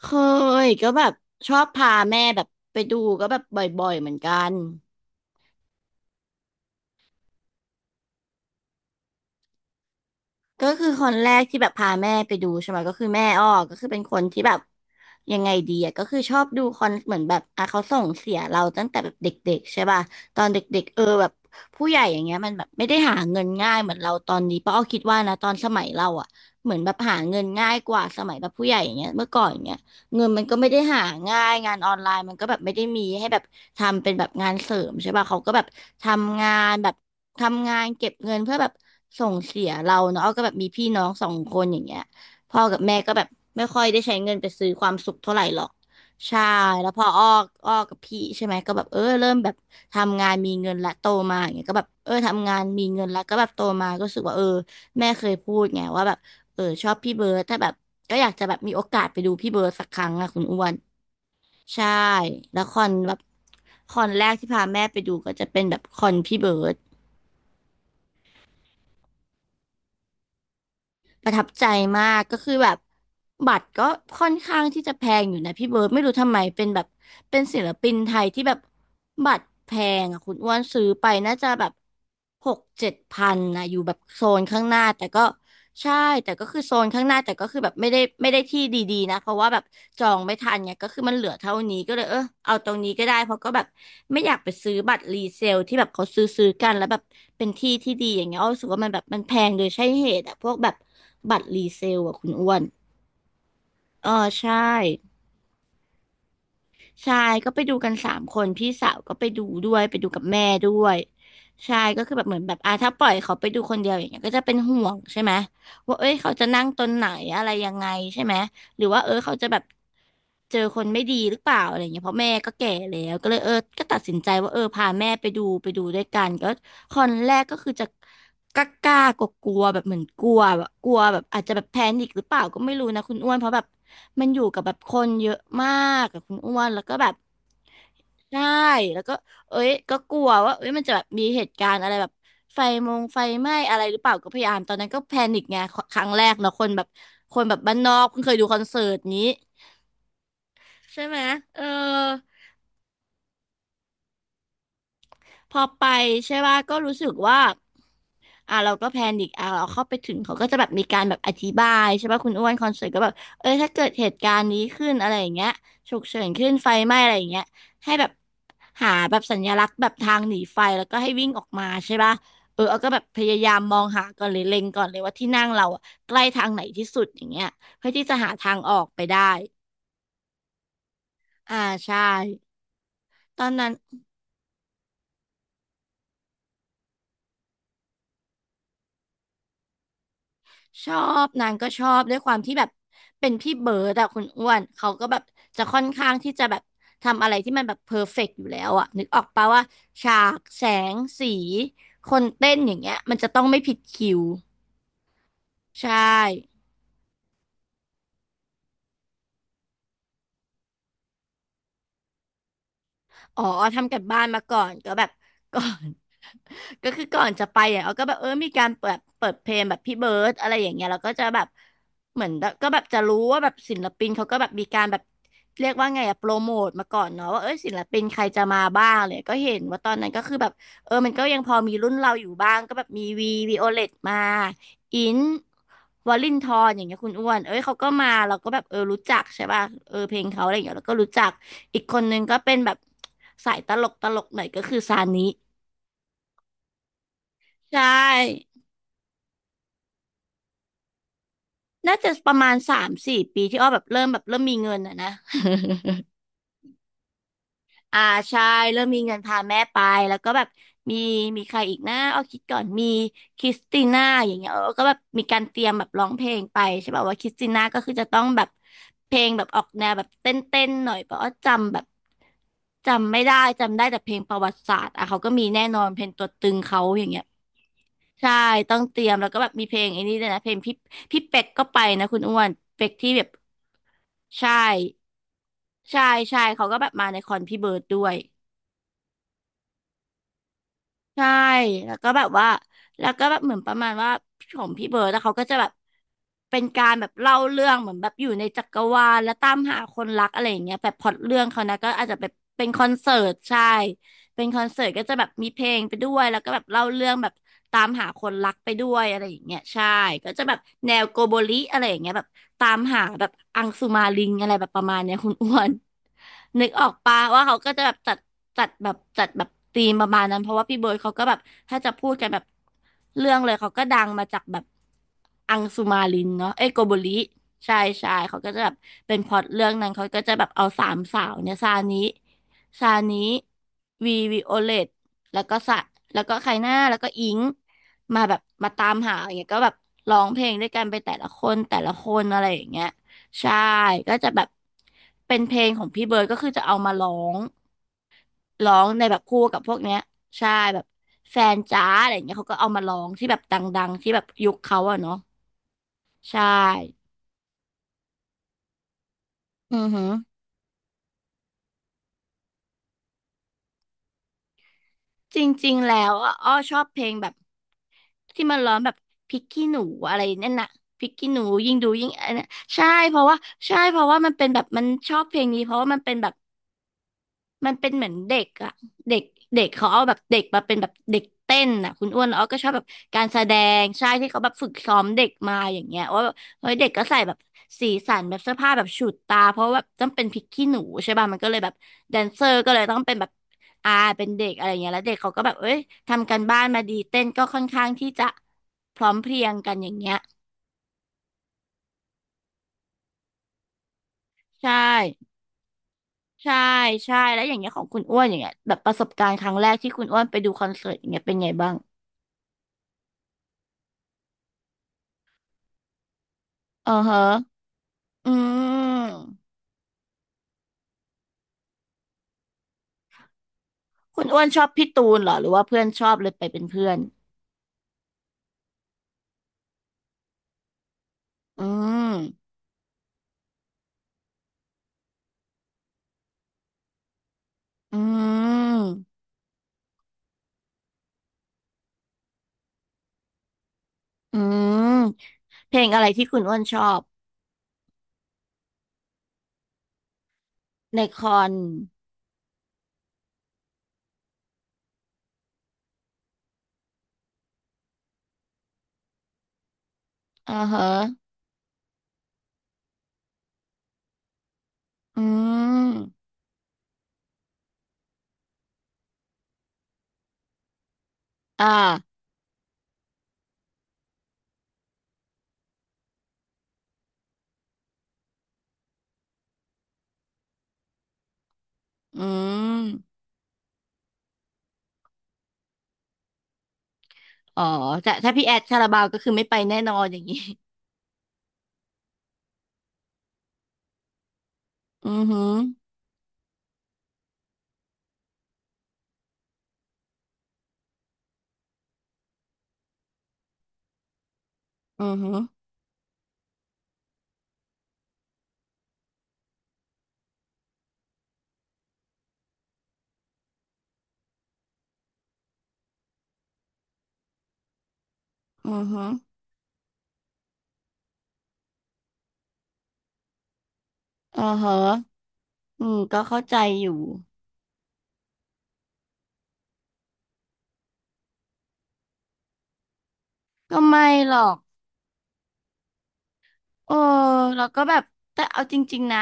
เคยก็แบบชอบพาแม่แบบไปดูก็แบบบ่อยๆเหมือนกันก็คือคนแรกที่แบบพาแม่ไปดูใช่ไหมก็คือแม่อ้อก็คือเป็นคนที่แบบยังไงดีอะก็คือชอบดูคอนเหมือนแบบอ่ะเขาส่งเสียเราตั้งแต่แบบเด็กๆใช่ป่ะตอนเด็กๆเออแบบผู้ใหญ่อย่างเงี้ยมันแบบไม่ได้หาเงินง่ายเหมือนเราตอนนี้เพราะอ้อคิดว่านะตอนสมัยเราอะเหมือนแบบหาเงินง่ายกว่าสมัยแบบผู้ใหญ่อย่างเงี้ยเมื่อก่อนอย่างเงี้ย เงินมันก็ไม่ได้หาง่ายงานออนไลน์มันก็แบบไม่ได้มีให้แบบทำเป็นแบบงานเสริมใช่ป่ะเขาก็แบบทำงานแบบทำงานเก็บเงินเพื่อแบบส่งเสียเราเนาะอ้อก็แบบมีพี่น้องสองคนอย่างเงี้ยพ่อกับแม่ก็แบบไม่ค่อยได้ใช้เงินไปซื้อความสุขเท่าไหร่หรอกใช่แล้วพออ้อกับพี่ใช่ไหมก็แบบเออเริ่มแบบทำงานมีเงินละโตมาอย่างเงี้ยก็แบบเออทำงานมีเงินละก็แบบโตมาก็รู้สึกว่าเออแม่เคยพูดไงว่าแบบ เออชอบพี่เบิร์ดถ้าแบบก็อยากจะแบบมีโอกาสไปดูพี่เบิร์ดสักครั้งอะคุณอ้วนใช่แล้วคอนแบบคอนแรกที่พาแม่ไปดูก็จะเป็นแบบคอนพี่เบิร์ด ประทับใจมากก็คือแบบบัตรก็ค่อนข้างที่จะแพงอยู่นะพี่เบิร์ดไม่รู้ทำไมเป็นแบบเป็นศิลปินไทยที่แบบบัตรแพงอ่ะคุณอ้วนซื้อไปน่าจะแบบหกเจ็ดพันนะอยู่แบบโซนข้างหน้าแต่ก็ใช่แต่ก็คือโซนข้างหน้าแต่ก็คือแบบไม่ได้ที่ดีๆนะเพราะว่าแบบจองไม่ทันเนี่ยก็คือมันเหลือเท่านี้ก็เลยเออเอาตรงนี้ก็ได้เพราะก็แบบไม่อยากไปซื้อบัตรรีเซลที่แบบเขาซื้อกันแล้วแบบเป็นที่ที่ดีอย่างเงี้ยอ้อรู้สึกว่ามันแบบมันแพงโดยใช่เหตุอะพวกแบบ บัตรรีเซลอ่ะคุณอ้วนเออใช่ใช่ก็ไปดูกันสามคนพี่สาวก็ไปดูด้วยไปดูกับแม่ด้วยใช่ก็คือแบบเหมือนแบบอ่ะถ้าปล่อยเขาไปดูคนเดียวอย่างเงี้ยก็จะเป็นห่วงใช่ไหมว่าเอ้ยเขาจะนั่งตรงไหนอะไรยังไงใช่ไหม หรือว่าเออเขาจะแบบเจอคนไม่ดีหรือเปล่าอะไรเงี้ยเพราะแม่ก็แก่แล้วก็เลยเออก็ตัดสินใจว่าเออพาแม่ไปดูด้วยกันก็คอนแรกก็คือจะกล้ากล้ากลัวกลัวแบบเหมือนกลัวแบบกลัวแบบอาจจะแบบแพนิคหรือเปล่าก็ไม่รู้นะคุณอ้วนเพราะแบบมันอยู่กับแบบคนเยอะมากกับคุณอ้วนแล้วก็แบบใช่แล้วก็ เอ้ยก็กลัวว่าเอ้ยมันจะแบบมีเหตุการณ์อะไรแบบไฟมงไฟไหม้อะไรหรือเปล่าก็พยายามตอนนั้นก็แพนิคไงครั้งแรกเนาะคนแบบคนแบบบ้านนอกเพิ่งเคยดูคอนเสิร์ตนี้ใช่ไหมเออ พอไปใช่ป่ะก็รู้สึกว่าอ่ะเราก็แพนิคอ่ะเราเข้าไปถึงเขาก็จะแบบมีการแบบอธิบายใช่ป่ะคุณอ้วนคอนเสิร์ตก็แบบเออถ้าเกิดเหตุการณ์นี้ขึ้นอะไรอย่างเงี้ยฉุกเฉินขึ้นไฟไหม้อะไรอย่างเงี้ยให้แบบหาแบบสัญลักษณ์แบบทางหนีไฟแล้วก็ให้วิ่งออกมาใช่ป่ะเออเอาก็แบบพยายามมองหาก่อนเลยเล็งก่อนเลยว่าที่นั่งเราอะใกล้ทางไหนที่สุดอย่างเงี้ยเพื่อที่จะหาทางออกไปได้อ่าใช่ตอนนั้น ชอบนางก็ชอบด้วยความที่แบบเป็นพี่เบิร์ดอะคุณอ้วนเขาก็แบบจะค่อนข้างที่จะแบบทำอะไรที่มันแบบเพอร์เฟกต์อยู่แล้วอะนึกออกปะว่าฉากแสงสีคนเต้นอย่างเงี้ยมันจะต้องไม่ผิดคิวใช่ อ๋อทำกันบ้านมาก่อนก็แบบ ก่อน ก็คือก่อนจะไปอ่ะเอาก็แบบเออมีการเปิดเพลงแบบพี่เบิร์ดอะไรอย่างเงี้ยแล้วก็จะแบบเหมือนแบบก็แบบจะรู้ว่าแบบศิลปินเขาก็แบบมีการแบบเรียกว่าไงอะโปรโมทมาก่อนเนาะว่าเออศิลปินใครจะมาบ้างเลยก็เห็นว่าตอนนั้นก็คือแบบเออมันก็ยังพอมีรุ่นเราอยู่บ้างก็แบบมีวีวีโอเลตมา อินวลินทรอย่างเงี้ยคุณอ้วนเอ้ยเขาก็มาเราก็แบบเออรู้จักใช่ป่ะเออเพลงเขาอะไรอย่างเงี้ยเราก็รู้จัก อีกคนนึงก็เป็นแบบสายตลกตลกหน่อยก็คือซานิใช่น่าจะประมาณสามสี่ปีที่อ้อแบบเริ่มมีเงินอะนะ อ่าใช่เริ่มมีเงินพาแม่ไปแล้วก็แบบมีมีใครอีกนะเอาคิดก่อนมีคริสติน่าอย่างเงี้ยเออก็แบบมีการเตรียมแบบร้องเพลงไปใช่ป่ะว่าคริสติน่าก็คือจะต้องแบบเพลงแบบออกแนวแบบเต้นเต้นหน่อยเพราะว่าจำแบบจำไม่ได้จำได้แต่เพลงประวัติศาสตร์อ่ะเขาก็มีแน่นอนเพลงตัวตึงเขาอย่างเงี้ยใช่ต้องเตรียมแล้วก็แบบมีเพลงไอ้นี่ด้วยนะเพลงพี่เป็กก็ไปนะคุณอ้วนเป็กที่แบบใช่ใช่ใช่เขาก็แบบมาในคอนพี่เบิร์ดด้วย ใช่แล้วก็แบบว่าแล้วก็แบบเหมือนประมาณว่าของพี่เบิร์ดแล้วเขาก็จะแบบเป็นการแบบเล่าเรื่องเหมือนแบบอยู่ในจักรวาลและตามหาคนรักอะไรอย่างเงี้ยแบบพล็อตเรื่องเขานะก็อาจจะแบบเป็นคอนเสิร์ตใช่เป็นคอนเสิร์ตก็จะแบบมีเพลงไปด้วยแล้วก็แบบเล่าเรื่องแบบตามหาคนรักไปด้วยอะไรอย่างเงี้ยใช่ก็จะแบบแนวโกโบริอะไรอย่างเงี้ยแบบตามหาแบบอังสุมาลิงอะไรแบบประมาณเนี้ยคุณอ้วน นึกออกปะว่าเขาก็จะแบบจัดแบบธีมประมาณนั้นเพราะว่าพี่เบิร์ดเขาก็แบบถ้าจะพูดกันแบบเรื่องเลยเขาก็ดังมาจากแบบอังสุมาลินเนาะเอ้ยโกโบริใช่ใช่เขาก็จะแบบเป็นพล็อตเรื่องนั้นเขาก็จะแบบเอาสามสาวเนี่ยซานิวีวิโอเลตแล้วก็สะแล้วก็ใครหน้าแล้วก็อิงมาแบบมาตามหาอย่างเงี้ยก็แบบร้องเพลงด้วยกันไปแต่ละคนแต่ละคนอะไรอย่างเงี้ย ใช่ก็จะแบบเป็นเพลงของพี่เบิร์ดก็คือจะเอามางร้องในแบบคู่กับพวกเนี้ยใช่แบบแฟนจ้าอะไรอย่างเงี้ยเขาก็เอามาร้องที่แบบดังๆที่แบบยุคเขาอะเนาะใช่อือหือจริงๆแล้วอะอ้อชอบเพลงแบบที่มันร้องแบบพริกขี้หนูอะไรนั่นน่ะพริกขี้หนูยิ่งดูยิ่งอันนั้นใช่เพราะว่าใช่เพราะว่ามันเป็นแบบมันชอบเพลงนี้เพราะว่ามันเป็นแบบ มันเป็นเหมือนเด็กอะเด็กเด็กเขาเอาแบบเด็กมาเป็นแบบเด็กเต้นอะคุณอ้วนอ้อก็ชอบแบบการแสดงใช่ที่เขาแบบฝึกซ้อมเด็กมาอย่างเงี้ยว่าแบบเฮ้ยเด็กก็ใส่แบบสีสันแบบเสื้อผ้าแบบฉูดตาเพราะว่าแบบต้องเป็นพริกขี้หนูใช่ป่ะมันก็เลยแบบแดนเซอร์ก็เลยต้องเป็นแบบอาเป็นเด็กอะไรเงี้ยแล้วเด็กเขาก็แบบเอ้ยทำกันบ้านมาดีเต้นก็ค่อนข้างที่จะพร้อมเพรียงกันอย่างเงี้ยใช่ใช่ใช่แล้วอย่างเงี้ยของคุณอ้วนอย่างเงี้ยแบบประสบการณ์ครั้งแรกที่คุณอ้วนไปดูคอนเสิร์ตอย่างเงี้ยเป็นไงบ้าง อือฮะอืมคุณอ้วนชอบพี่ตูนเหรอหรือว่าเพื่อนชอบเลยไปเป็นเพื่อนอืมอืมอืมเพลงอะไรที่คุณอ้วนชอบในคอนอ่อฮะอืมอ่าอืมอ๋อแต่ถ้าพี่แอดคาราบาวก็คือไม่ไปแน่นอนอย่างนี้ อือหืออือหืออือหืออ่อฮะอืมก็เข้าใจอยู่ ก็ไม่หรอก เออแล้วก็แบบแต่เอาจริงๆนะ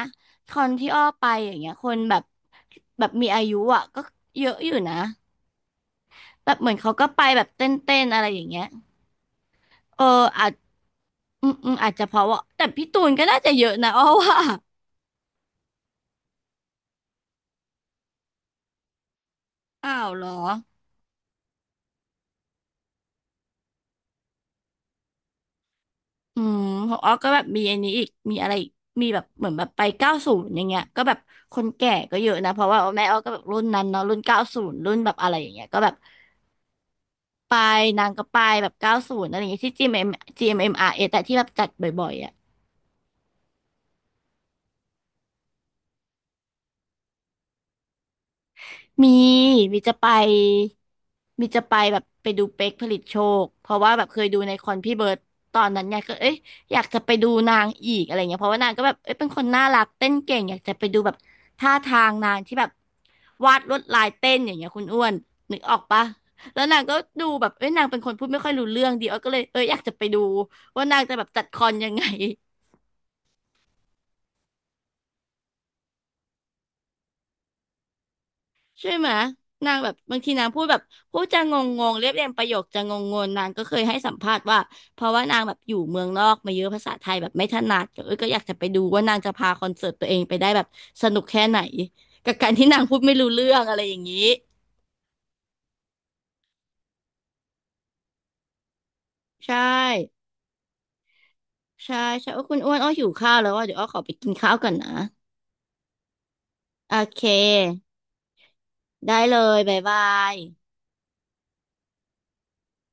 คอนที่อ้อไปอย่างเงี้ยคนแบบแบบมีอายุอ่ะก็เยอะอยู่นะแบบเหมือนเขาก็ไปแบบเต้นๆอะไรอย่างเงี้ยเอออาจอืมอาจจะเพราะว่าแต่พี่ตูนก็น่าจะเยอะนะอ้อว่าอ้าวเหรออืมของอ้อก็แบบมีอันนี้อีกมีอะไรอีกมีแบบเหมือนแบบไปเก้าศูนย์อย่างเงี้ยก็แบบคนแก่ก็เยอะนะเพราะว่าแม่อ้อก็แบบรุ่นนั้นเนาะรุ่นเก้าศูนย์รุ่นแบบอะไรอย่างเงี้ยก็แบบ ไปนางก็ไปแบบเก้าศูนย์อะไรอย่างเงี้ยที่ GMM Grammy แต่ที่แบบจัดบ่อยๆอ่ะมีมีจะไปมีจะไปแบบไปดูเป๊กผลิตโชคเพราะว่าแบบเคยดูในคอนพี่เบิร์ดตอนนั้นไงก็เอ้ยอยากจะไปดูนางอีกอะไรเงี้ยเพราะว่านางก็แบบเอ้ยเป็นคนน่ารักเต้นเก่งอยากจะไปดูแบบท่าทางนางที่แบบวาดลวดลายเต้นอย่างเงี้ยคุณอ้วนนึกออกปะแล้วนางก็ดูแบบเอ้ยนางเป็นคนพูดไม่ค่อยรู้เรื่องดีอ้อก็เลยเอ้ยอยากจะไปดูว่านางจะแบบจัดคอนยังไง ใช่ไหมนางแบบบางทีนางพูดแบบพูดจะงงงงเรียบเรียงประโยคจะงงงนนางก็เคยให้สัมภาษณ์ว่าเพราะว่านางแบบอยู่เมืองนอกมาเยอะภาษาไทยแบบไม่ถนัดก็เอยก็อยากจะไปดูว่านางจะพาคอนเสิร์ตตัวเองไปได้แบบสนุกแค่ไหนกับการที่นางพูดไม่รู้เรื่องอะไรอย่างนี้ใช่ใช่ใช่โอ้คุณอ้วนอ้อหิวข้าวแล้วว่าเดี๋ยวอ้อขอไปกินข้าวก่อนนะโอเคได้เลยบ๊ายบาย